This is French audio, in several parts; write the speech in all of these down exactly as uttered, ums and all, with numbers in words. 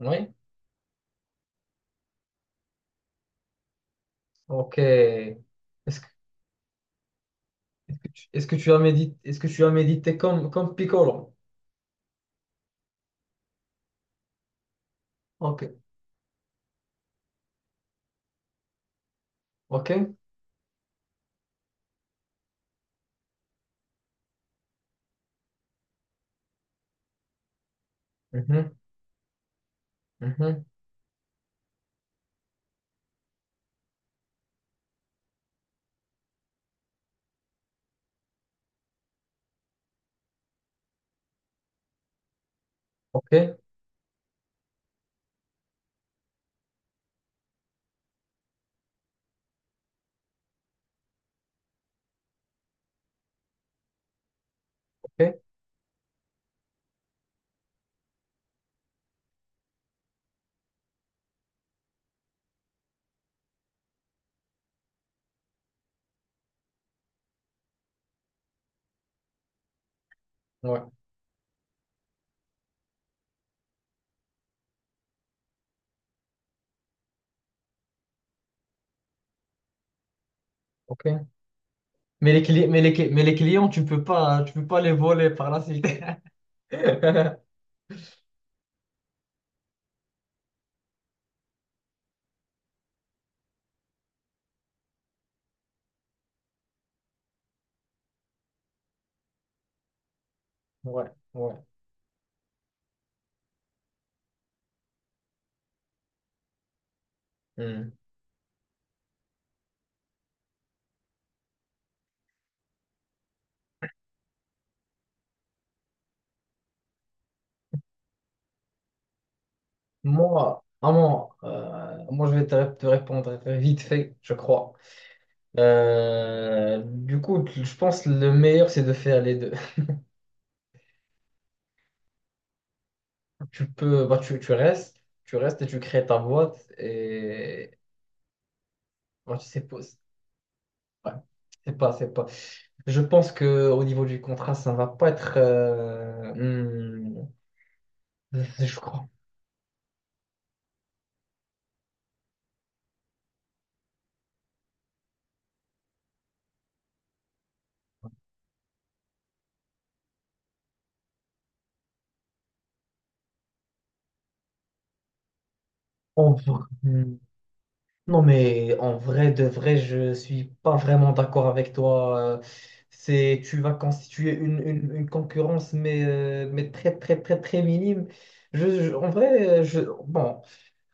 Oui, ok. Est-ce que, est-ce que tu, est-ce que tu as médité, est-ce que tu as médité comme, comme Piccolo? Ok, ok. Mhm, mhm. Ok, ok. Ouais, ok. Mais les, cli- mais les, cli- mais les clients, tu peux pas, hein, tu peux pas les voler par la suite. Ouais, ouais. Hmm. Moi, vraiment, euh, moi, je vais te, ré- te répondre vite fait, je crois. Euh, du coup, je pense que le meilleur, c'est de faire les deux. tu peux, bah, tu, tu restes, tu restes et tu crées ta boîte et bah, tu sais pas, c'est ouais, c'est pas, c'est pas. Je pense que au niveau du contrat, ça va pas être, euh, hmm, je crois. En vrai- hmm. Non, mais en vrai, de vrai, je suis pas vraiment d'accord avec toi. Euh, C'est, tu vas constituer une, une, une concurrence, mais, euh, mais très, très, très, très minime. Je, je- en vrai, je, bon,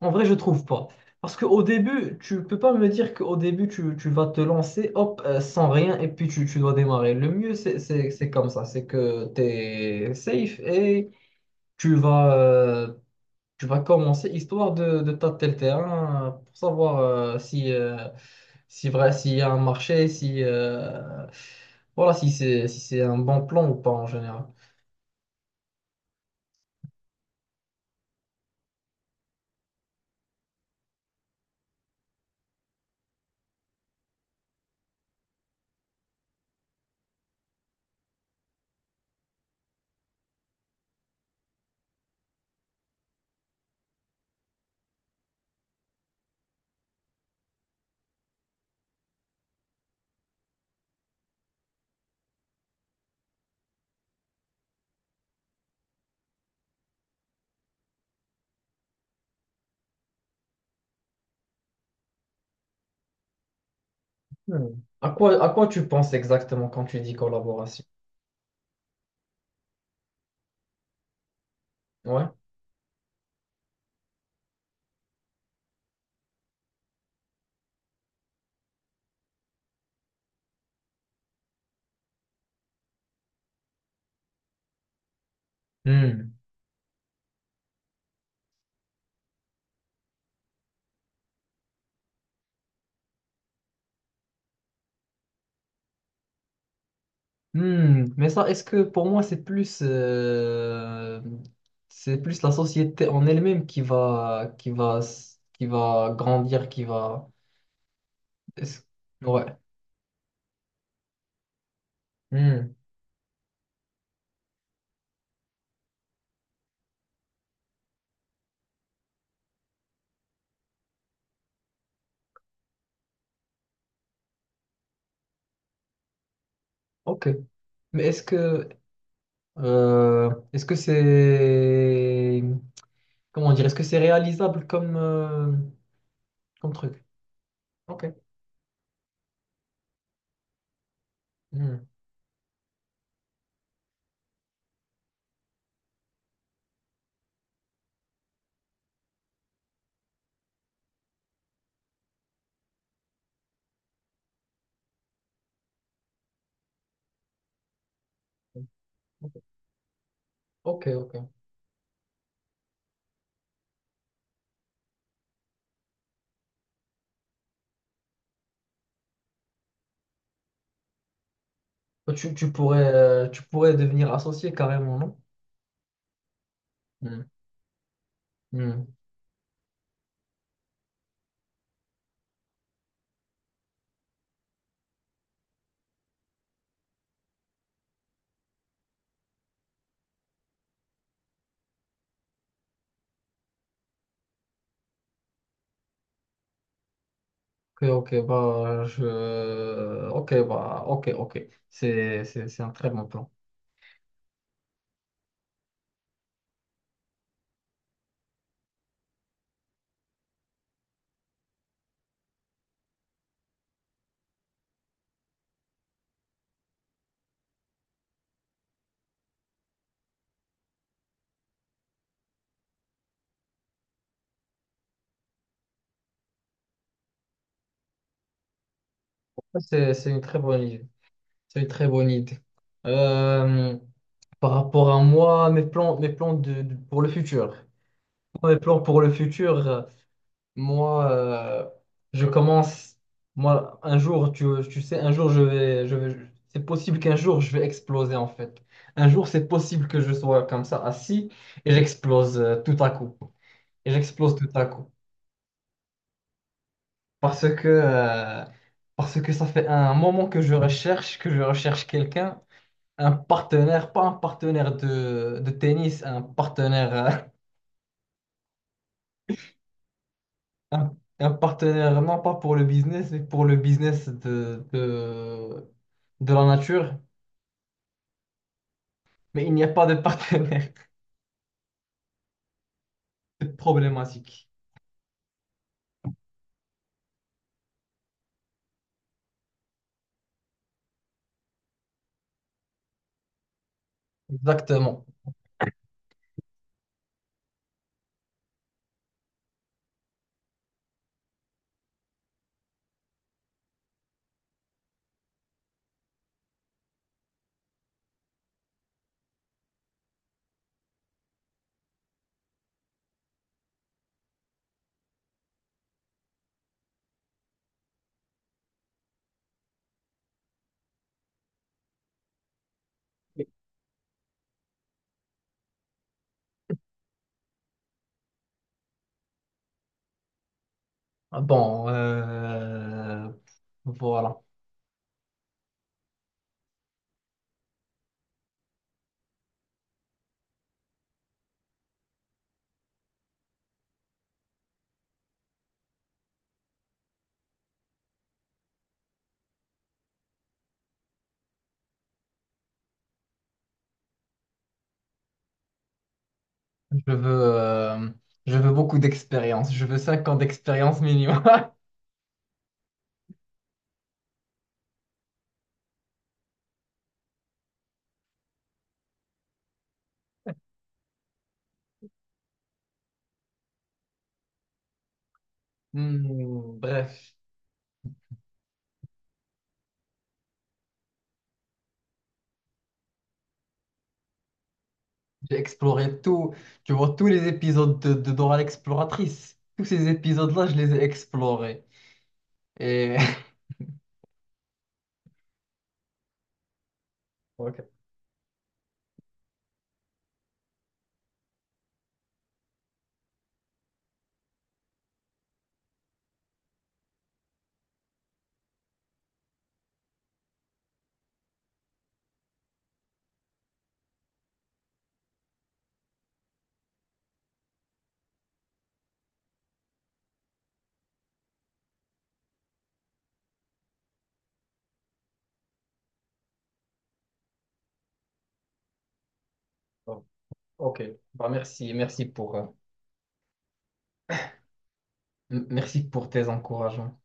En vrai, je trouve pas. Parce qu'au début, tu peux pas me dire qu'au début, tu, tu vas te lancer, hop, euh, sans rien, et puis tu, tu dois démarrer. Le mieux, c'est c'est- c'est comme ça. C'est que tu es safe et tu vas, euh, tu vas commencer, histoire de, de tâter le terrain, euh, pour savoir euh, si, euh, si vrai, s'il y a un marché, si, euh, voilà, si c'est si c'est un bon plan ou pas en général. Hmm. À quoi, à quoi tu penses exactement quand tu dis collaboration? Ouais. Hmm. Hmm, mais ça, est-ce que pour moi, c'est plus, euh, c'est plus la société en elle-même qui va, qui va, s- qui va grandir, qui va. est-ce- Ouais. Hmm, ok. Mais est-ce que, euh, est-ce que c'est, comment dire, est-ce que c'est réalisable comme, euh, comme truc? Ok. Hmm, ok, ok. Ok. Tu, tu pourrais, euh, tu pourrais devenir associé carrément, non? Hmm, hmm. Ok, ok, bah, je... Ok, bah, ok, ok. C'est, c'est, c'est un très bon plan. C'est, c'est une très bonne idée. C'est une très bonne idée. Euh, Par rapport à moi, mes plans, mes plans de, de- pour le futur. Mes plans pour le futur, euh, moi, euh, je commence... Moi, un jour, tu, tu sais, un jour, je vais... Je vais c'est possible qu'un jour, je vais exploser, en fait. Un jour, c'est possible que je sois comme ça, assis, et j'explose euh, tout à coup. Et j'explose tout à coup. Parce que, euh, parce que ça fait un moment que je recherche, que je recherche quelqu'un, un partenaire, pas un partenaire de, de tennis, un partenaire, euh, un, un partenaire non pas pour le business, mais pour le business de, de, de la nature. Mais il n'y a pas de partenaire. C'est problématique. Exactement. Bon, euh, voilà. Je veux, euh, je veux beaucoup d'expérience. Je veux cinq ans d'expérience minimum. Hmm, bref, j'ai exploré tout, tu vois, tous les épisodes de, de Dora l'exploratrice. Tous ces épisodes-là, je les ai explorés. Et... Ok, bon, ok. Bah, merci, merci pour, euh, m- merci pour tes encouragements.